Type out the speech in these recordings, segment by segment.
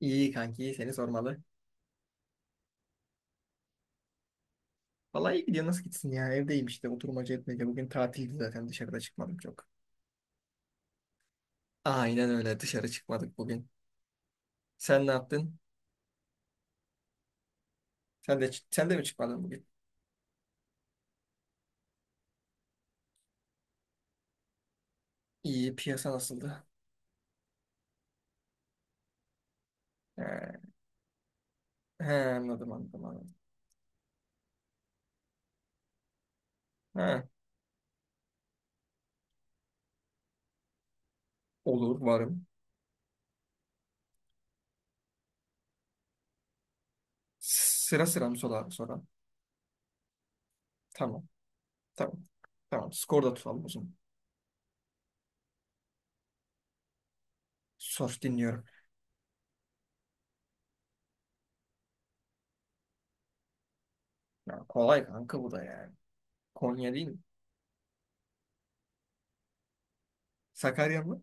İyi kanki, iyi seni sormalı. Vallahi iyi gidiyor, nasıl gitsin ya? Evdeyim işte, oturmaca etmece. Bugün tatildi zaten, dışarıda çıkmadım çok. Aynen öyle, dışarı çıkmadık bugün. Sen ne yaptın? Sen de mi çıkmadın bugün? İyi, piyasa nasıldı? He, he, anladım. He, olur, varım. Sıra sıra mı sorar sonra? Tamam, tamam. Tamam, skor da tutalım o zaman. Sos dinliyorum. Ya, kolay kanka bu da yani. Konya değil mi? Sakarya mı?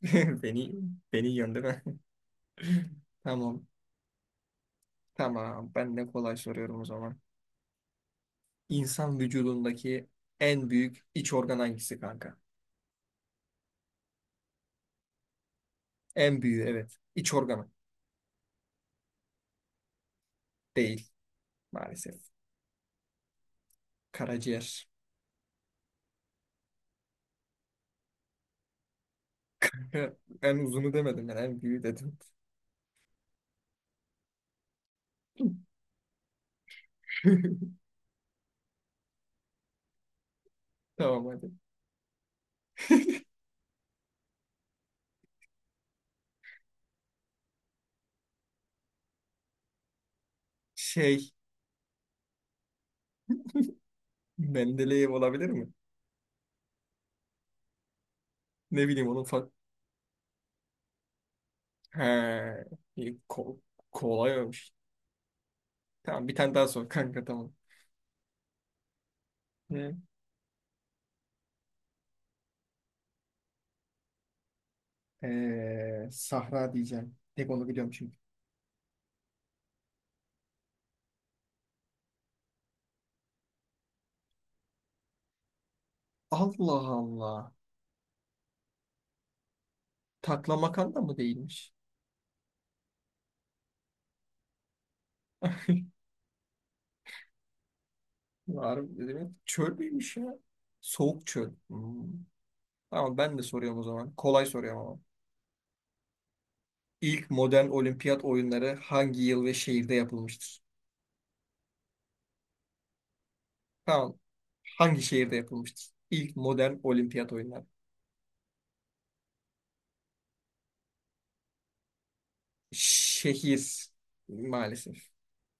Beni, beni yöndü Tamam. Tamam, ben de kolay soruyorum o zaman. İnsan vücudundaki en büyük iç organ hangisi kanka? En büyüğü evet. İç organı değil maalesef. Karaciğer. En uzunu demedim, ben en büyüğü dedim. Tamam hadi. Şey, Mendeleyev olabilir mi? Ne bileyim onun fa... He, iyi, kolay olmuş. Tamam, bir tane daha sor kanka, tamam. Ne? Sahra diyeceğim. Tek onu biliyorum çünkü. Allah Allah. Taklamakan da mı değilmiş? Harbi ne demek? Çöl müymüş ya? Soğuk çöl. Hmm. Tamam, ben de soruyorum o zaman. Kolay soruyorum ama. İlk modern olimpiyat oyunları hangi yıl ve şehirde yapılmıştır? Tamam. Hangi şehirde yapılmıştır? İlk modern olimpiyat oyunları. Şehir maalesef.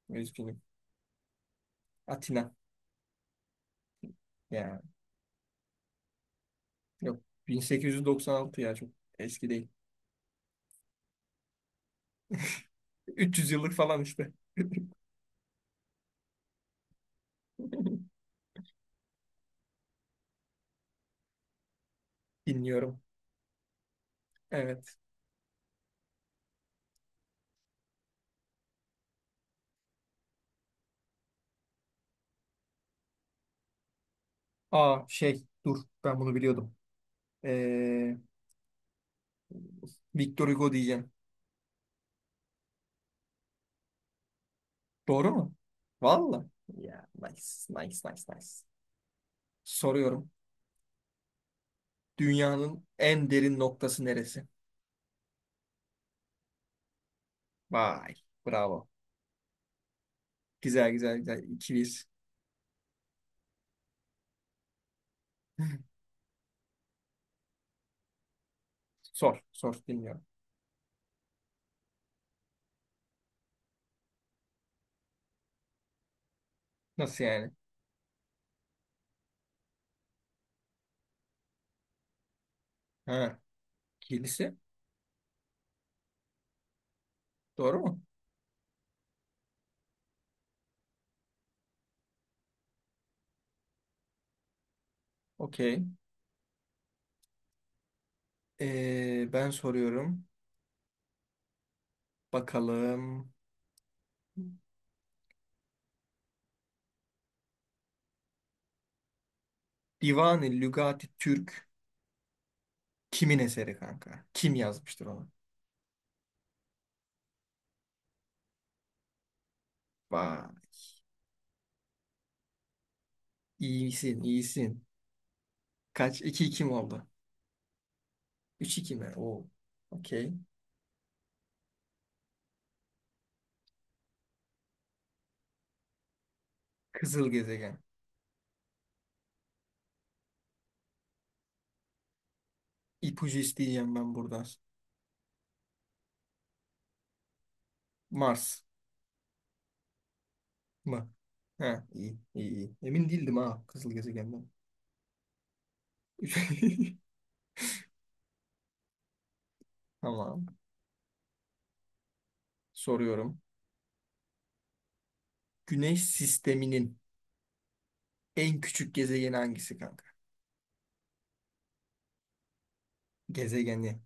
Üzgünüm. Atina. Ya yok. 1896, ya çok eski değil. 300 yıllık falan işte. Dinliyorum. Evet. Aa şey dur, ben bunu biliyordum. Ee, Victor Hugo diyeceğim. Doğru mu? Valla. Ya nice, nice, nice, nice. Soruyorum. Dünyanın en derin noktası neresi? Vay. Bravo. Güzel, güzel, güzel. İki İkiliyiz. Sor. Sor. Dinliyorum. Nasıl yani? Ha. ikilisi. Doğru mu? Okey. Ben soruyorum. Bakalım. Divan-ı Lügati Türk kimin eseri kanka? Kim yazmıştır onu? Vay. İyisin, iyisin. Kaç? İki iki mi oldu? Üç iki mi? Oo. Okey. Kızıl gezegen. İpucu isteyeceğim ben buradan. Mars mı? Ha, iyi, iyi, iyi. Emin değildim ha kızıl gezegenden. Tamam. Soruyorum. Güneş sisteminin en küçük gezegeni hangisi kanka? Gezegeni.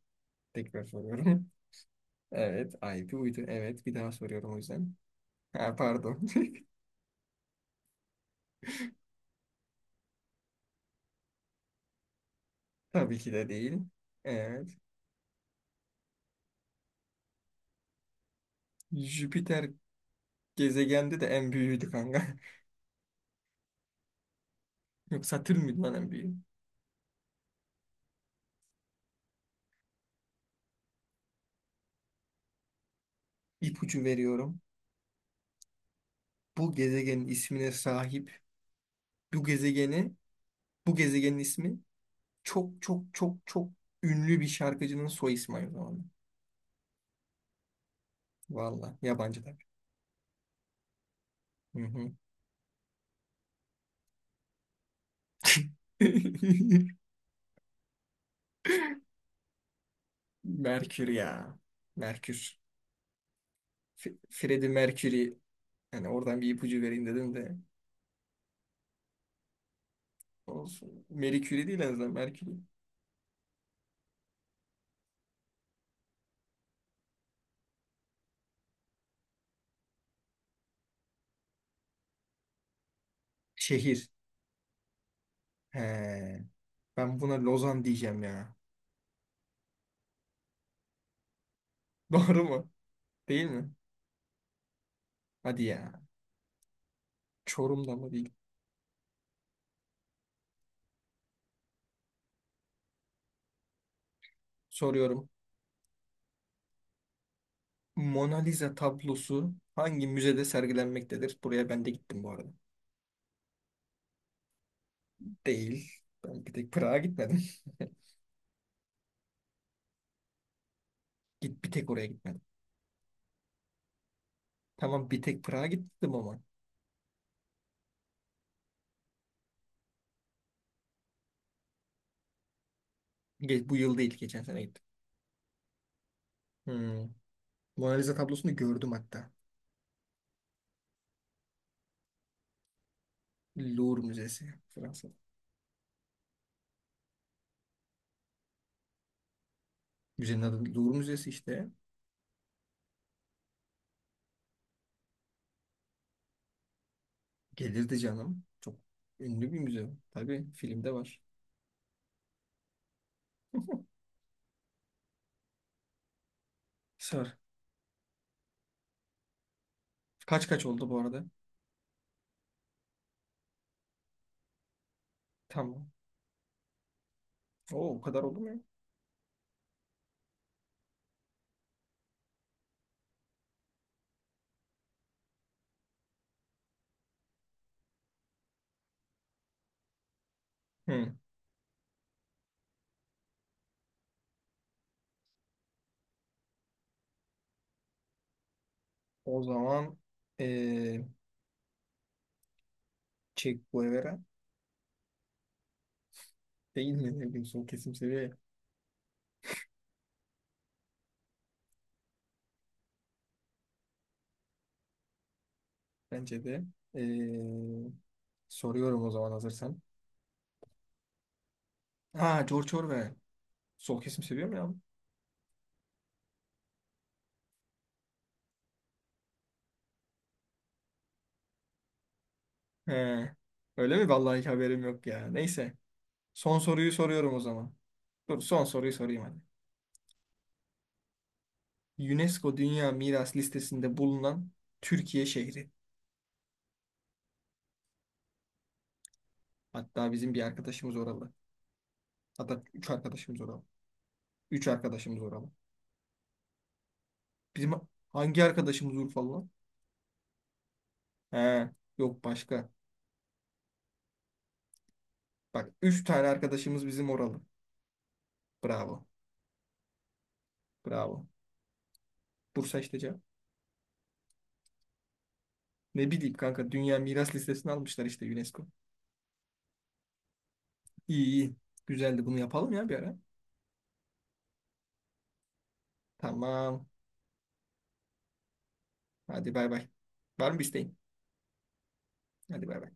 Tekrar soruyorum. Evet, ay bir uydu. Evet, bir daha soruyorum o yüzden. Ha, pardon. Tabii ki de değil. Evet. Jüpiter gezegende de en büyüğüydü kanka. Yok, Satürn müydü lan en büyüğü? İpucu veriyorum. Bu gezegenin ismine sahip bu gezegeni, bu gezegenin ismi çok, çok, çok, çok ünlü bir şarkıcının soy ismi aynı zamanda. Valla yabancı tabii. Hı hı. Merkür ya. Merkür. F Freddie Mercury. Yani oradan bir ipucu vereyim dedim de. Olsun. Marie Curie değil en azından, Mercury. Şehir. He. Ben buna Lozan diyeceğim ya. Doğru mu? Değil mi? Hadi ya. Çorum'da mı değil? Soruyorum. Mona Lisa tablosu hangi müzede sergilenmektedir? Buraya ben de gittim bu arada. Değil. Ben bir tek Prag'a gitmedim. Git bir tek oraya gitmedim. Tamam, bir tek Prag'a gittim ama. Bu yıl değil, geçen sene gittim. Hmm. Mona Lisa tablosunu gördüm hatta. Louvre Müzesi Fransa. Müzenin adı Louvre Müzesi işte. Gelirdi canım. Çok ünlü bir müze. Tabii filmde var. Sor. Kaç kaç oldu bu arada? Tamam. Oo, o kadar oldu mu ya? Hı. O zaman eee, Che Guevara değil mi? Ne son kesim seviye bence de. Ee, soruyorum o zaman hazırsan. Ha, George Orwell. Sol kesim seviyor mu ya? He. Öyle mi? Vallahi hiç haberim yok ya. Neyse. Son soruyu soruyorum o zaman. Dur son soruyu sorayım hadi. UNESCO Dünya Miras listesinde bulunan Türkiye şehri. Hatta bizim bir arkadaşımız oralı. Hatta üç arkadaşımız oralı. Üç arkadaşımız oralı. Bizim hangi arkadaşımız Urfalı lan? He. Yok başka. Bak 3 tane arkadaşımız bizim oralı. Bravo. Bravo. Bursa işte cevap. Ne bileyim kanka, dünya miras listesine almışlar işte UNESCO. İyi, iyi. Güzeldi, bunu yapalım ya bir ara. Tamam. Hadi bay bay. Var mı bir isteğin? Hadi bay bay.